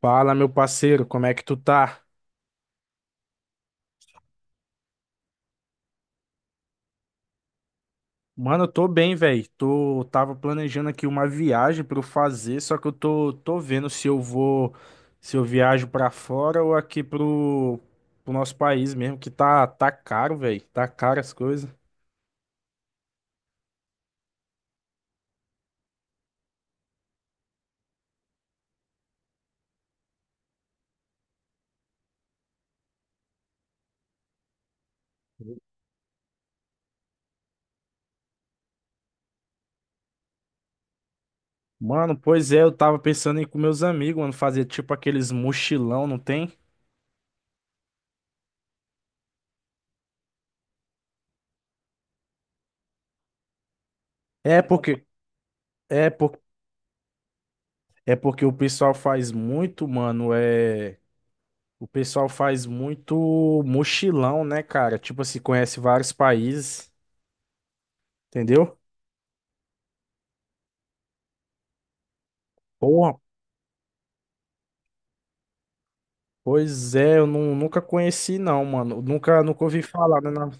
Fala, meu parceiro, como é que tu tá? Mano, eu tô bem, velho. Tô tava planejando aqui uma viagem pra eu fazer, só que eu tô vendo se eu viajo pra fora ou aqui pro nosso país mesmo, que tá caro, velho. Tá caro as coisas. Mano, pois é, eu tava pensando em ir com meus amigos, mano, fazer tipo aqueles mochilão, não tem? É porque é por, é porque o pessoal faz muito mochilão, né, cara? Tipo assim, conhece vários países, entendeu? Porra, pois é, eu nunca conheci, não, mano. Nunca ouvi falar, né?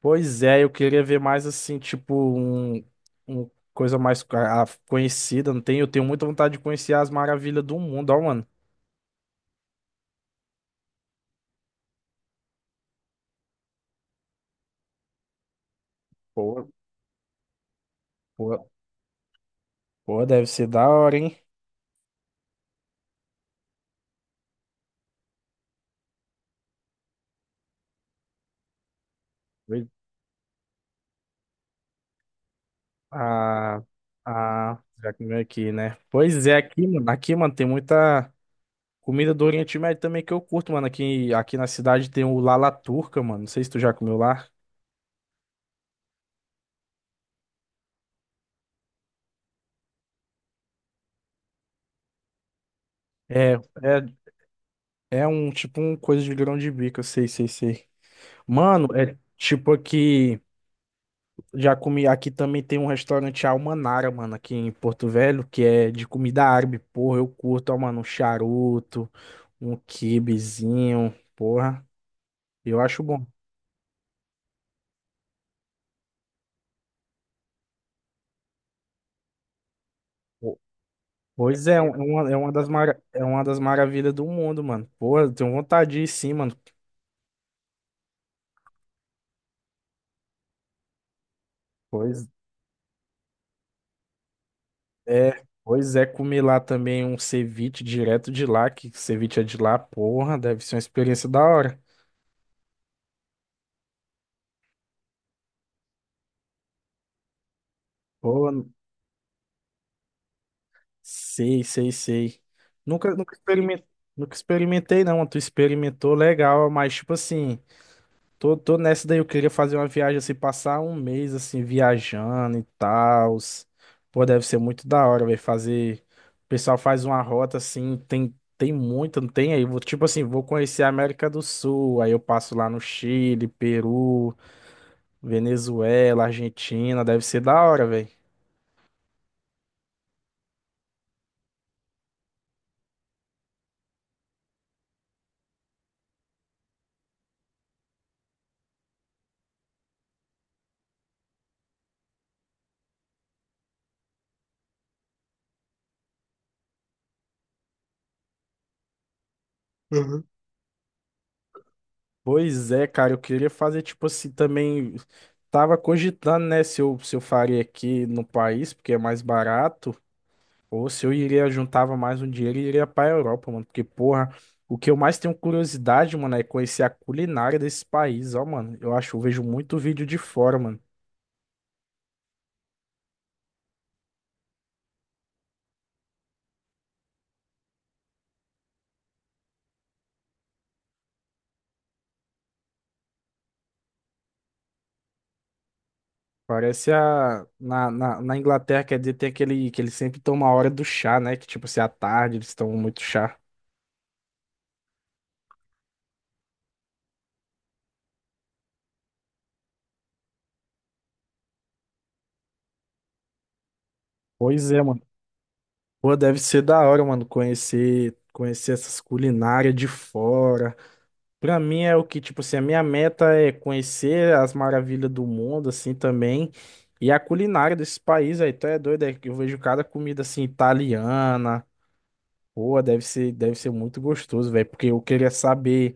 Pois é, eu queria ver mais assim, tipo, um coisa mais conhecida, não tem? Eu tenho muita vontade de conhecer as maravilhas do mundo, ó, mano. Pô, pô, pô, deve ser da hora, hein? Oi. Ah, ah, já que veio aqui, né? Pois é, aqui, mano, tem muita. Comida do Oriente Médio também que eu curto, mano. Aqui na cidade tem o Lala Turca, mano. Não sei se tu já comeu lá. É, é, é um tipo um coisa de grão de bico, eu sei, sei, sei. Mano, é tipo aqui. Já comi. Aqui também tem um restaurante Almanara, mano, aqui em Porto Velho, que é de comida árabe. Porra, eu curto, ó, mano, um charuto, um quibezinho, porra. Eu acho bom. Po- Pois é, é uma das maravilhas do mundo, mano. Porra, eu tenho vontade de ir sim, mano. Pois. É, pois é, comer lá também um ceviche direto de lá, que ceviche é de lá, porra, deve ser uma experiência da hora. Pô, sei, sei, sei. Nunca, nunca experimentei, nunca experimentei não, tu experimentou legal, mas tipo assim. Tô nessa daí, eu queria fazer uma viagem assim, passar um mês assim, viajando e tal. Pô, deve ser muito da hora, velho, fazer. O pessoal faz uma rota assim, tem muita, não tem aí. Tipo assim, vou conhecer a América do Sul, aí eu passo lá no Chile, Peru, Venezuela, Argentina, deve ser da hora, velho. Pois é, cara, eu queria fazer tipo assim também. Tava cogitando, né, se eu faria aqui no país, porque é mais barato, ou se eu iria juntava mais um dinheiro e iria pra Europa, mano. Porque, porra, o que eu mais tenho curiosidade, mano, é conhecer a culinária desse país, ó, mano. Eu vejo muito vídeo de fora, mano. Parece a. Na Inglaterra, quer dizer, tem aquele que eles sempre tomam a hora do chá, né? Que tipo assim, à tarde eles tomam muito chá. Pois é, mano. Pô, deve ser da hora, mano, conhecer essas culinárias de fora. Pra mim é o que, tipo assim, a minha meta é conhecer as maravilhas do mundo, assim, também. E a culinária desse país aí, tu é doido, é que eu vejo cada comida, assim, italiana. Pô, deve ser muito gostoso, velho, porque eu queria saber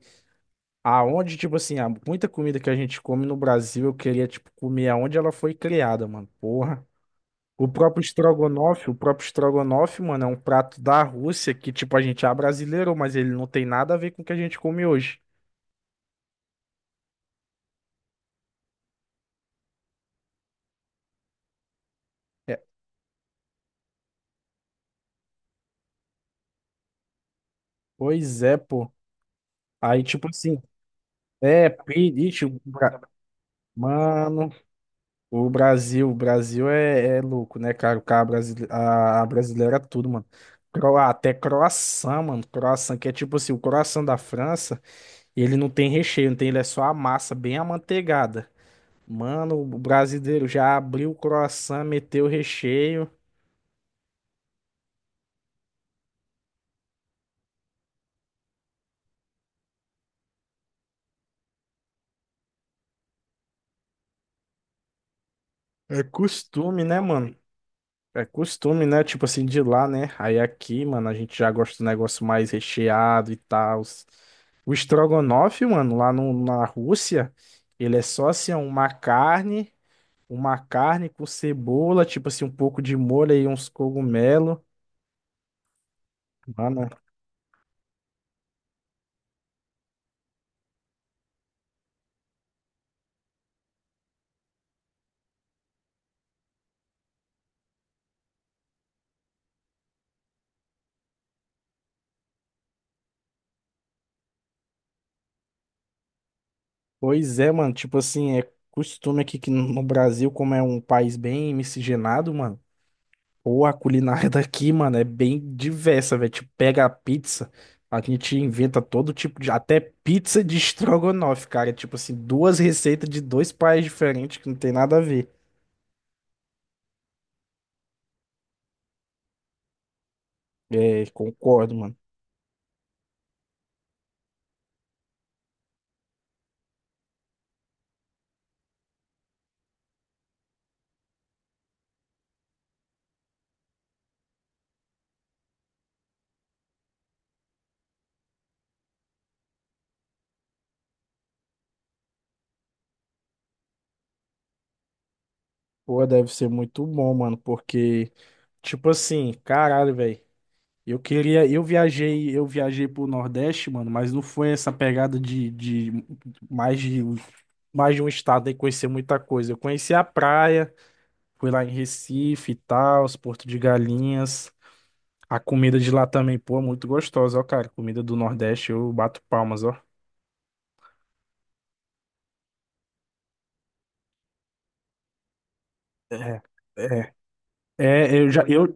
aonde, tipo assim, há muita comida que a gente come no Brasil, eu queria, tipo, comer aonde ela foi criada, mano, porra. O próprio estrogonofe, mano, é um prato da Rússia que, tipo, a gente abrasileirou, mas ele não tem nada a ver com o que a gente come hoje. É, pois é, pô. Aí, tipo assim, pedite, mano, o Brasil é louco, né, cara? O cara brasile- a brasileira é tudo, mano. Até croissant, mano. Croissant, que é tipo assim, o croissant da França, ele não tem recheio, não tem, ele é só a massa bem amanteigada. Mano, o brasileiro já abriu o croissant, meteu o recheio. É costume, né, mano? É costume, né? Tipo assim, de lá, né? Aí aqui, mano, a gente já gosta do negócio mais recheado e tal. O estrogonofe, mano, lá na Rússia, ele é só assim, ó, uma carne, com cebola, tipo assim, um pouco de molho e uns cogumelos. Mano, pois é, mano, tipo assim, é costume aqui que no Brasil, como é um país bem miscigenado, mano. Pô, a culinária daqui, mano, é bem diversa, velho. Tipo, pega a pizza, a gente inventa todo tipo de. Até pizza de estrogonofe, cara. Tipo assim, duas receitas de dois países diferentes que não tem nada a ver. É, concordo, mano. Pô, deve ser muito bom, mano, porque, tipo assim, caralho, velho. Eu queria. Eu viajei pro Nordeste, mano, mas não foi essa pegada de mais de. Mais de um estado e conhecer muita coisa. Eu conheci a praia. Fui lá em Recife e tal, os Porto de Galinhas. A comida de lá também, pô, é muito gostosa, ó, cara. Comida do Nordeste, eu bato palmas, ó. É, é, é,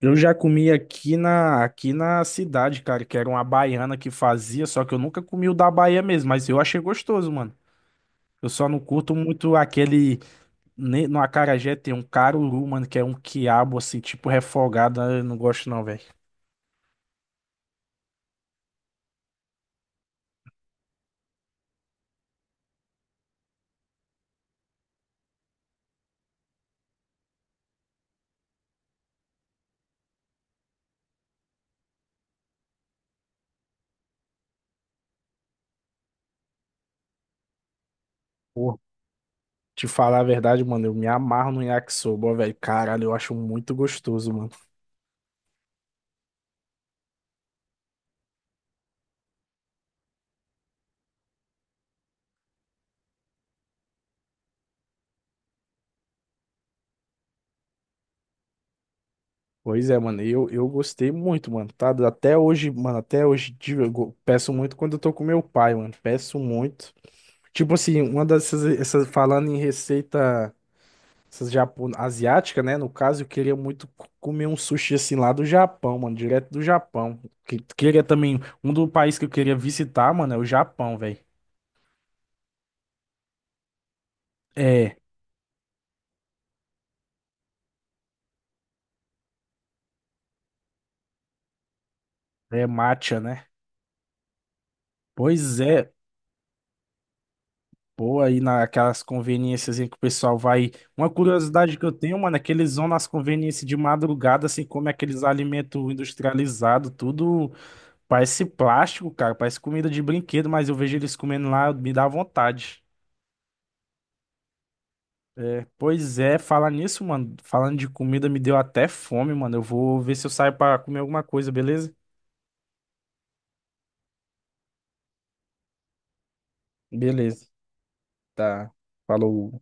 eu já comi aqui na cidade, cara, que era uma baiana que fazia, só que eu nunca comi o da Bahia mesmo, mas eu achei gostoso, mano. Eu só não curto muito aquele. No acarajé tem um caruru, mano, que é um quiabo, assim, tipo refogado. Eu não gosto, não, velho. Te falar a verdade, mano, eu me amarro no yakisoba, ó, velho. Caralho, eu acho muito gostoso, mano. Pois é, mano, eu gostei muito, mano, tá? Até hoje, mano, até hoje em dia, peço muito quando eu tô com meu pai, mano. Peço muito. Tipo assim, essas, falando em receita, essas asiática, né? No caso, eu queria muito comer um sushi assim lá do Japão, mano, direto do Japão. Queria também, um do país que eu queria visitar, mano, é o Japão, velho. É, é matcha, né? Pois é. Pô, aí naquelas conveniências em que o pessoal vai. Uma curiosidade que eu tenho, mano, é que eles vão nas conveniências de madrugada, assim, come aqueles alimentos industrializados, tudo parece plástico, cara, parece comida de brinquedo, mas eu vejo eles comendo lá, me dá vontade. É, pois é, falar nisso, mano, falando de comida, me deu até fome, mano. Eu vou ver se eu saio pra comer alguma coisa, beleza? Beleza, tá. Falou.